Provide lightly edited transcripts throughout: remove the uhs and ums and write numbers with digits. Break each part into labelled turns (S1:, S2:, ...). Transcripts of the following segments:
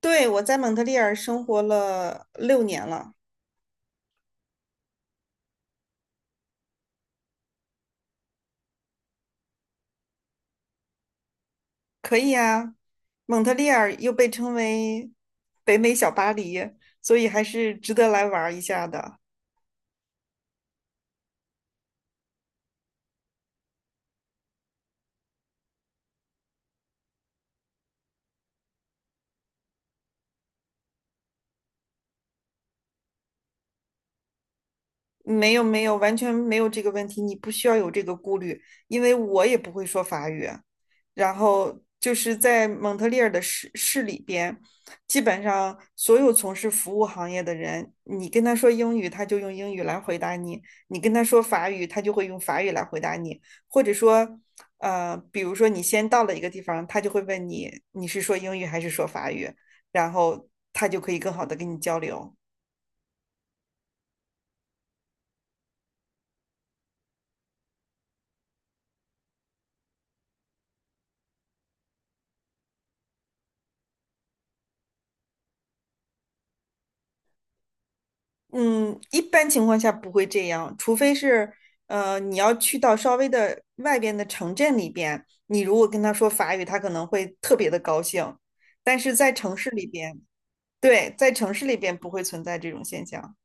S1: 对，我在蒙特利尔生活了6年了，可以啊。蒙特利尔又被称为北美小巴黎，所以还是值得来玩儿一下的。没有没有，完全没有这个问题，你不需要有这个顾虑，因为我也不会说法语。然后就是在蒙特利尔的市里边，基本上所有从事服务行业的人，你跟他说英语，他就用英语来回答你；你跟他说法语，他就会用法语来回答你。或者说，比如说你先到了一个地方，他就会问你你是说英语还是说法语，然后他就可以更好的跟你交流。嗯，一般情况下不会这样，除非是，你要去到稍微的外边的城镇里边，你如果跟他说法语，他可能会特别的高兴。但是在城市里边，对，在城市里边不会存在这种现象。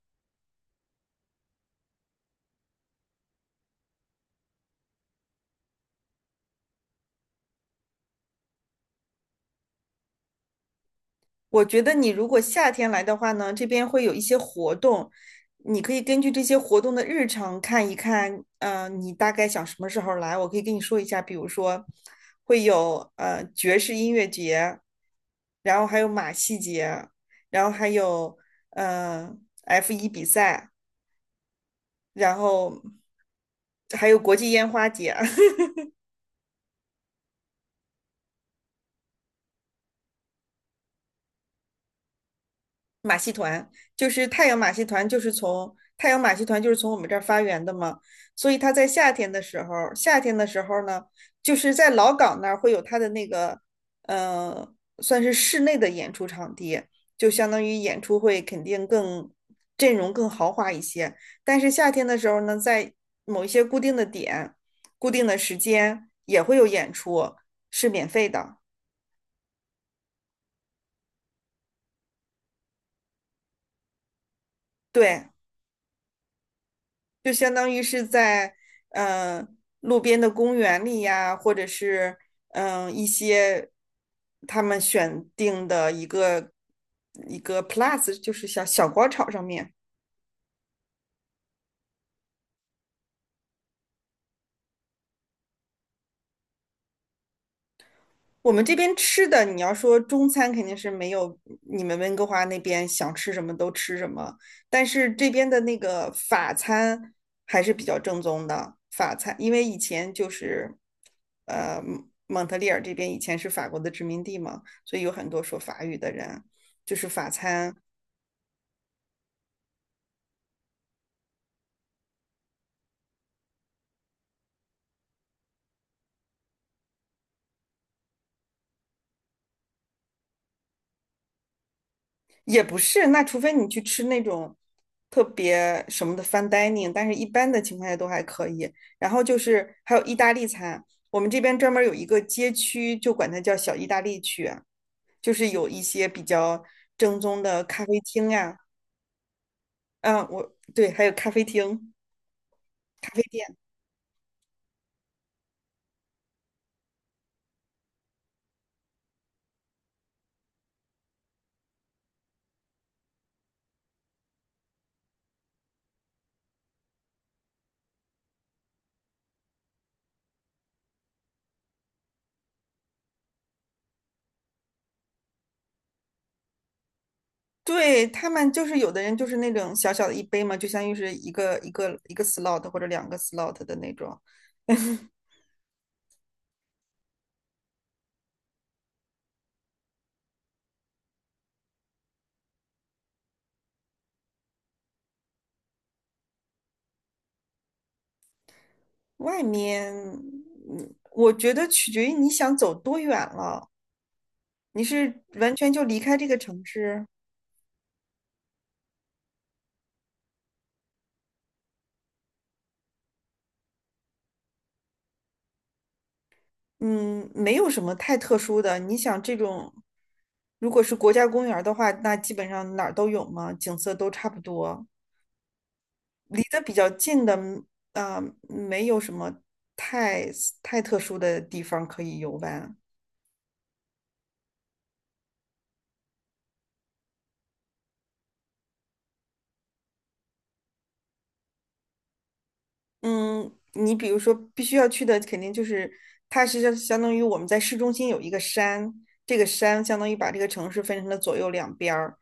S1: 我觉得你如果夏天来的话呢，这边会有一些活动，你可以根据这些活动的日程看一看，你大概想什么时候来，我可以跟你说一下，比如说会有爵士音乐节，然后还有马戏节，然后还有呃 F1比赛，然后还有国际烟花节。马戏团，就是太阳马戏团，就是从太阳马戏团就是从我们这儿发源的嘛，所以它在夏天的时候，夏天的时候呢，就是在老港那儿会有它的那个，呃，算是室内的演出场地，就相当于演出会肯定更阵容更豪华一些，但是夏天的时候呢，在某一些固定的点、固定的时间也会有演出，是免费的，对。就相当于是在呃路边的公园里呀，或者是一些他们选定的一个 plus，就是小小广场上面。我们这边吃的，你要说中餐肯定是没有你们温哥华那边想吃什么都吃什么，但是这边的那个法餐还是比较正宗的法餐，因为以前就是，蒙特利尔这边以前是法国的殖民地嘛，所以有很多说法语的人，就是法餐也不是，那除非你去吃那种特别什么的 fine dining，但是一般的情况下都还可以。然后就是还有意大利餐，我们这边专门有一个街区，就管它叫小意大利区啊，就是有一些比较正宗的咖啡厅呀、嗯，我对，还有咖啡厅、咖啡店。对，他们就是有的人就是那种小小的一杯嘛，就相当于是一个 slot 或者两个 slot 的那种。外面，我觉得取决于你想走多远了。你是完全就离开这个城市，嗯，没有什么太特殊的。你想这种，如果是国家公园儿的话，那基本上哪儿都有嘛，景色都差不多。离得比较近的，啊、没有什么太太特殊的地方可以游玩。嗯，你比如说，必须要去的肯定就是，它是相当于我们在市中心有一个山，这个山相当于把这个城市分成了左右两边儿，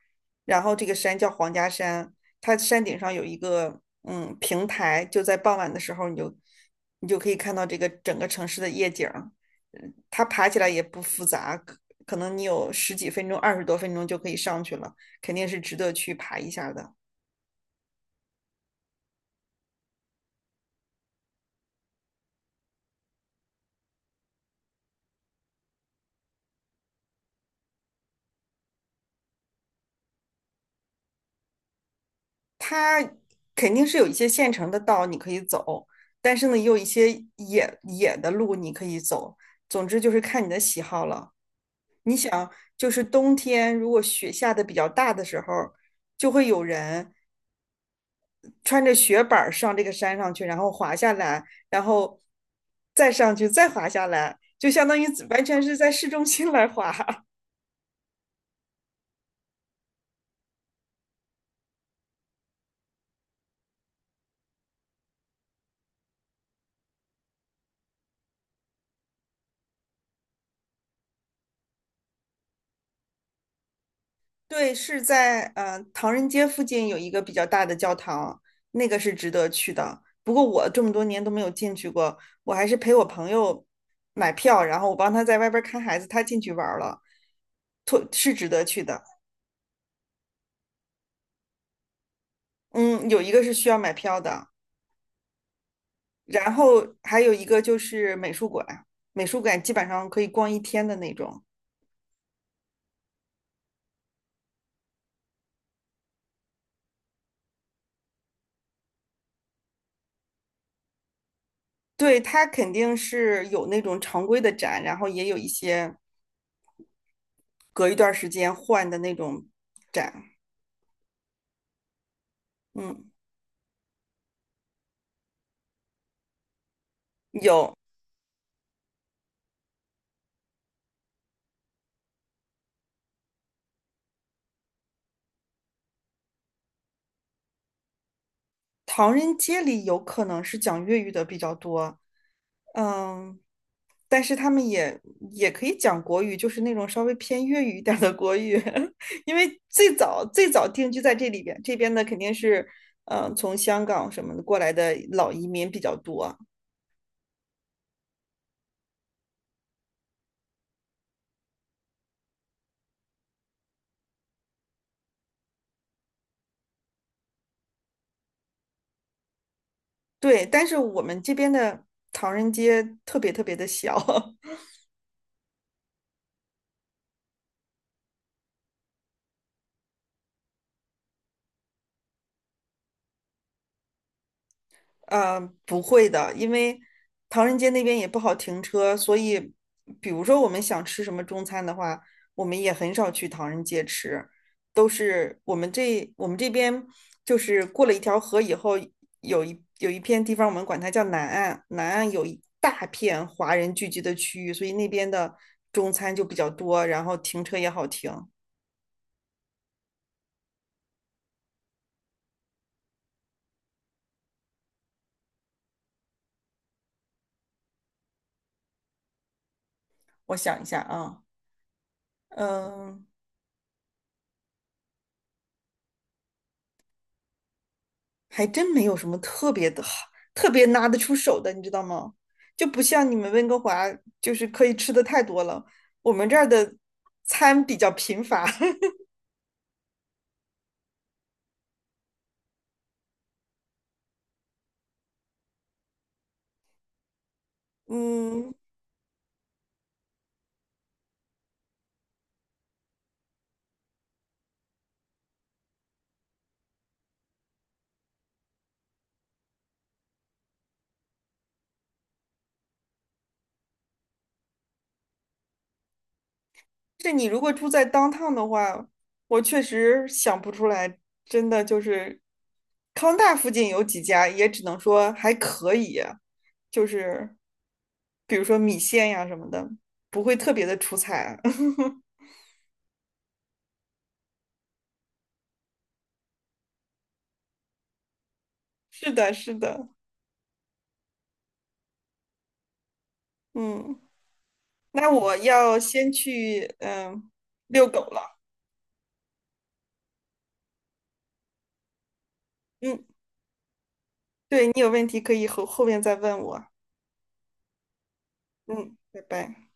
S1: 然后这个山叫皇家山，它山顶上有一个平台，就在傍晚的时候你就可以看到这个整个城市的夜景儿，它爬起来也不复杂，可能你有十几分钟、20多分钟就可以上去了，肯定是值得去爬一下的。它肯定是有一些现成的道你可以走，但是呢，也有一些野的路你可以走。总之就是看你的喜好了。你想，就是冬天如果雪下的比较大的时候，就会有人穿着雪板儿上这个山上去，然后滑下来，然后再上去，再滑下来，就相当于完全是在市中心来滑。对，是在唐人街附近有一个比较大的教堂，那个是值得去的。不过我这么多年都没有进去过，我还是陪我朋友买票，然后我帮他在外边看孩子，他进去玩儿了，特是值得去的。嗯，有一个是需要买票的，然后还有一个就是美术馆，美术馆基本上可以逛一天的那种。对，它肯定是有那种常规的展，然后也有一些隔一段时间换的那种展。嗯。有。唐人街里有可能是讲粤语的比较多，嗯，但是他们也可以讲国语，就是那种稍微偏粤语一点儿的国语，因为最早最早定居在这里边，这边的肯定是，从香港什么的过来的老移民比较多，对，但是我们这边的唐人街特别特别的小。呃，不会的，因为唐人街那边也不好停车，所以比如说我们想吃什么中餐的话，我们也很少去唐人街吃，都是我们这边就是过了一条河以后，有一片地方，我们管它叫南岸，南岸有一大片华人聚集的区域，所以那边的中餐就比较多，然后停车也好停。我想一下啊。嗯。还真没有什么特别的好，特别拿得出手的，你知道吗？就不像你们温哥华，就是可以吃的太多了。我们这儿的餐比较贫乏。嗯，这你如果住在 downtown 的话，我确实想不出来，真的就是康大附近有几家，也只能说还可以，就是比如说米线呀什么的，不会特别的出彩。是的，是的，嗯。那我要先去遛狗了。嗯，对，你有问题可以后面再问我。嗯，拜拜。